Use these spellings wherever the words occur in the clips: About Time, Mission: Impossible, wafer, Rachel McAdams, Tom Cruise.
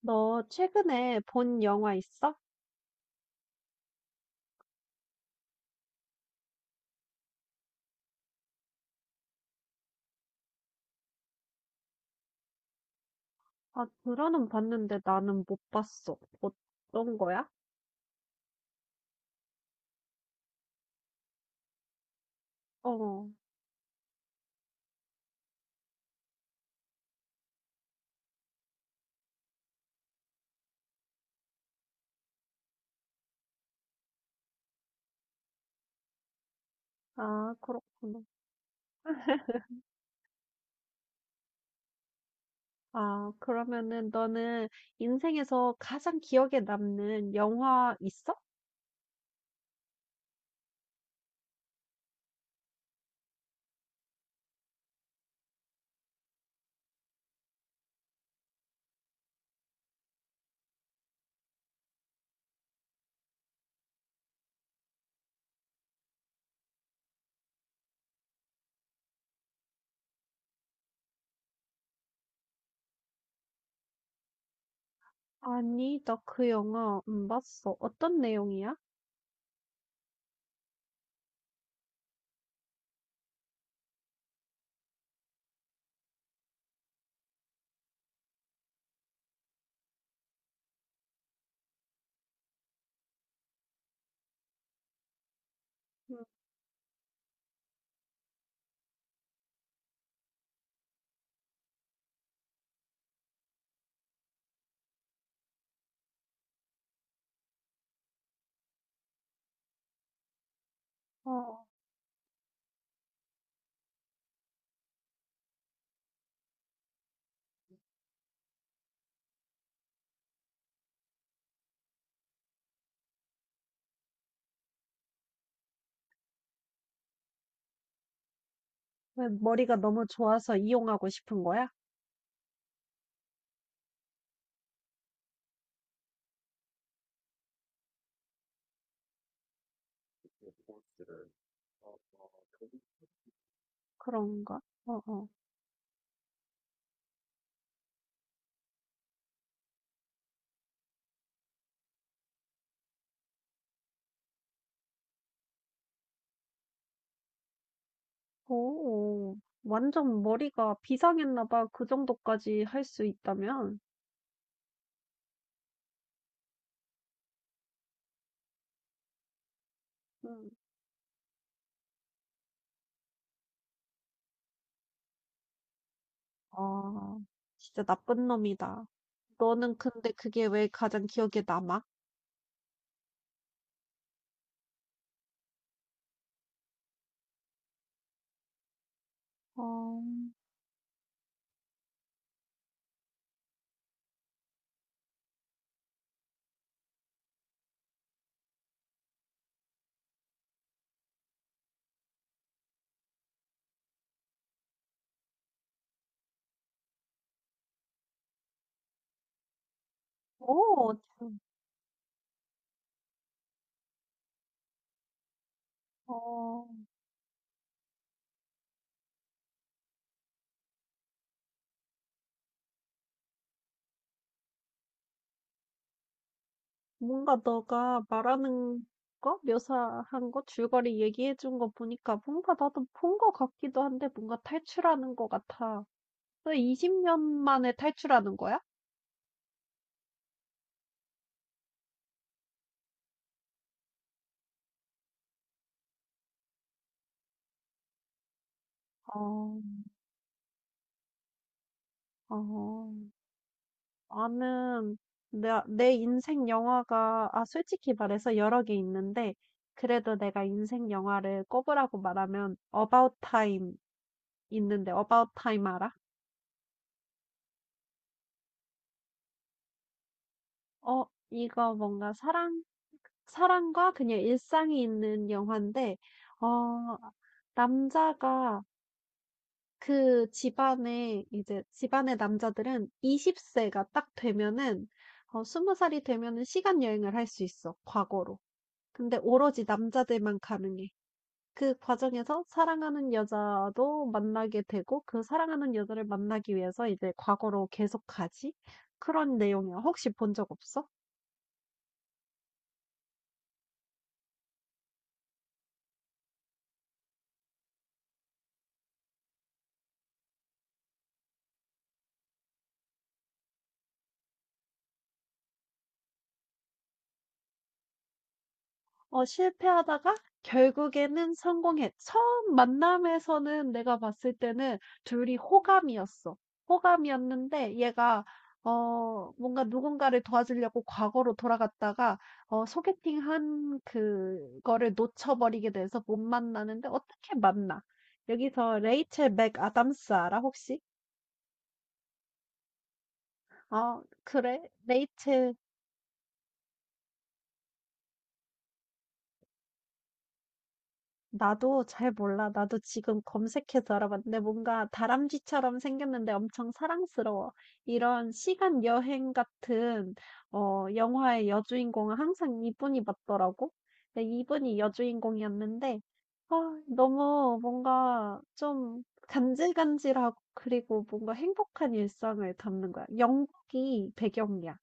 너 최근에 본 영화 있어? 아, 드라는 봤는데 나는 못 봤어. 어떤 거야? 어, 아, 그렇구나. 아, 그러면은 너는 인생에서 가장 기억에 남는 영화 있어? 아니, 나 그 영화 안 봤어. 어떤 내용이야? 어, 왜 머리가 너무 좋아서 이용하고 싶은 거야? 그런가? 어, 어. 오, 완전 머리가 비상했나 봐. 그 정도까지 할 수 있다면. 아, 진짜 나쁜 놈이다. 너는 근데 그게 왜 가장 기억에 남아? 어, 오, 참. 어, 뭔가 너가 말하는 거, 묘사한 거, 줄거리 얘기해 준 거 보니까 뭔가 나도 본 거 같기도 한데 뭔가 탈출하는 거 같아. 너 20년 만에 탈출하는 거야? 어, 어. 나는 내 인생 영화가, 아, 솔직히 말해서 여러 개 있는데, 그래도 내가 인생 영화를 꼽으라고 말하면, About Time 있는데, About Time 알아? 어, 이거 뭔가 사랑과 그냥 일상이 있는 영화인데, 어, 남자가 그 집안에, 이제 집안의 남자들은 20세가 딱 되면은, 20살이 되면은 시간 여행을 할 수 있어, 과거로. 근데 오로지 남자들만 가능해. 그 과정에서 사랑하는 여자도 만나게 되고 그 사랑하는 여자를 만나기 위해서 이제 과거로 계속 가지? 그런 내용이야. 혹시 본 적 없어? 어, 실패하다가 결국에는 성공했 처음 만남에서는 내가 봤을 때는 둘이 호감이었어. 호감이었는데 얘가 뭔가 누군가를 도와주려고 과거로 돌아갔다가 소개팅한 그거를 놓쳐버리게 돼서 못 만나는데 어떻게 만나? 여기서 레이첼 맥아담스 알아 혹시? 어, 그래, 레이첼. 나도 잘 몰라. 나도 지금 검색해서 알아봤는데 뭔가 다람쥐처럼 생겼는데 엄청 사랑스러워. 이런 시간 여행 같은 영화의 여주인공은 항상 이분이 맞더라고. 근데 이분이 여주인공이었는데 아, 너무 뭔가 좀 간질간질하고 그리고 뭔가 행복한 일상을 담는 거야. 영국이 배경이야.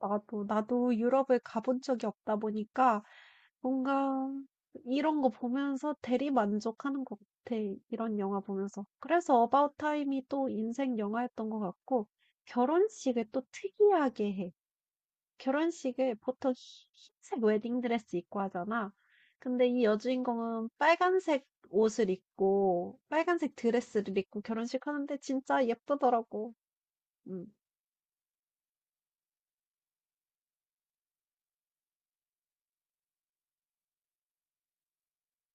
나도 유럽을 가본 적이 없다 보니까 뭔가 이런 거 보면서 대리만족하는 것 같아. 이런 영화 보면서. 그래서 어바웃 타임이 또 인생 영화였던 것 같고 결혼식을 또 특이하게 해. 결혼식을 보통 흰색 웨딩드레스 입고 하잖아. 근데 이 여주인공은 빨간색 옷을 입고 빨간색 드레스를 입고 결혼식 하는데 진짜 예쁘더라고. 음.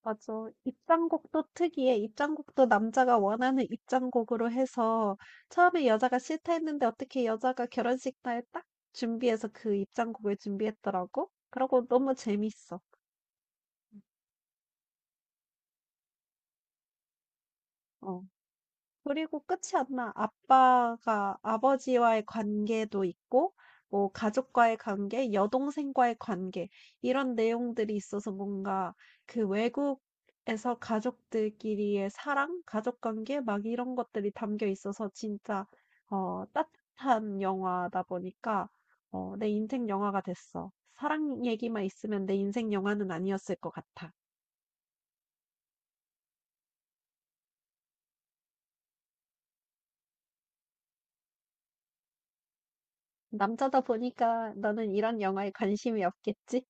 맞아. 입장곡도 특이해. 입장곡도 남자가 원하는 입장곡으로 해서 처음에 여자가 싫다 했는데 어떻게 여자가 결혼식 날 딱 준비해서 그 입장곡을 준비했더라고. 그러고 너무 재밌어. 어. 그리고 끝이 안 나. 아빠가 아버지와의 관계도 있고, 뭐 가족과의 관계, 여동생과의 관계 이런 내용들이 있어서 뭔가 그 외국에서 가족들끼리의 사랑, 가족 관계 막 이런 것들이 담겨 있어서 진짜 따뜻한 영화다 보니까 내 인생 영화가 됐어. 사랑 얘기만 있으면 내 인생 영화는 아니었을 것 같아. 남자다 보니까 너는 이런 영화에 관심이 없겠지?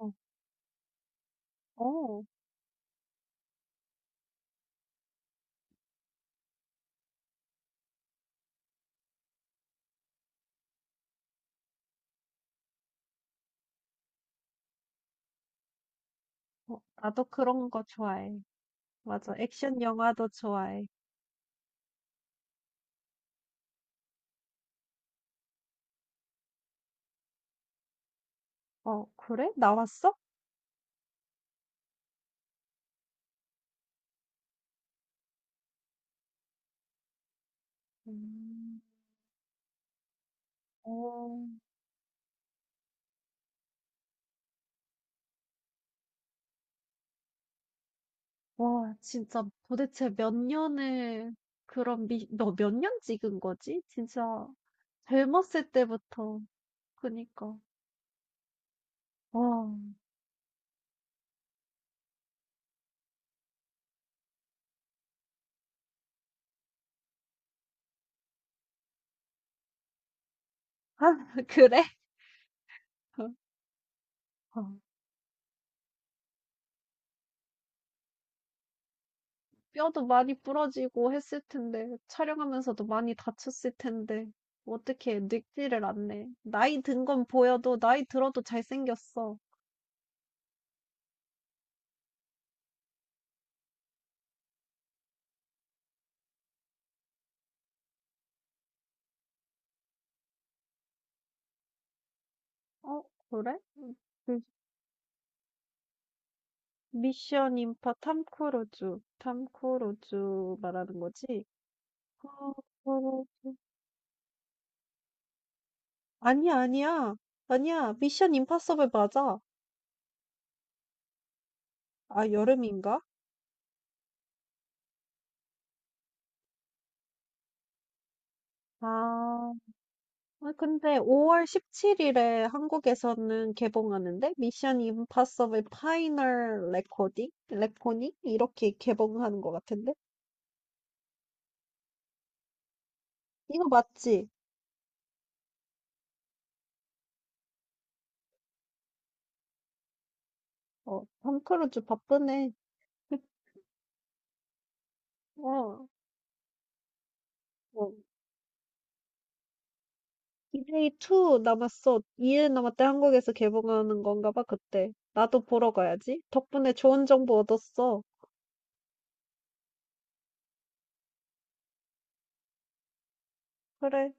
어. 어. 어, 나도 그런 거 좋아해. 맞아. 액션 영화도 좋아해. 어, 그래? 나왔어? 음, 어, 와, 진짜 도대체 몇 년을, 그럼 너 몇 년 찍은 거지? 진짜 젊었을 때부터. 그니까. 와, 아, 그래? 어, 뼈도 많이 부러지고 했을 텐데, 촬영하면서도 많이 다쳤을 텐데, 어떻게 늙지를 않네. 나이 든 건 보여도, 나이 들어도 잘생겼어. 어, 그래? 음 그 미션 임파 탐 크루즈. 탐 크루즈 말하는 거지? 어, 어, 아니야, 아니야. 아니야. 미션 임파서블 맞아. 아, 여름인가? 아, 아, 근데 5월 17일에 한국에서는 개봉하는데 미션 임파서블 파이널 레코딩? 레코닝? 이렇게 개봉하는 것 같은데? 이거 맞지? 톰 크루즈 바쁘네. 어, 어, 디제이 2 남았어. 2일 남았대. 한국에서 개봉하는 건가 봐, 그때. 나도 보러 가야지. 덕분에 좋은 정보 얻었어. 그래.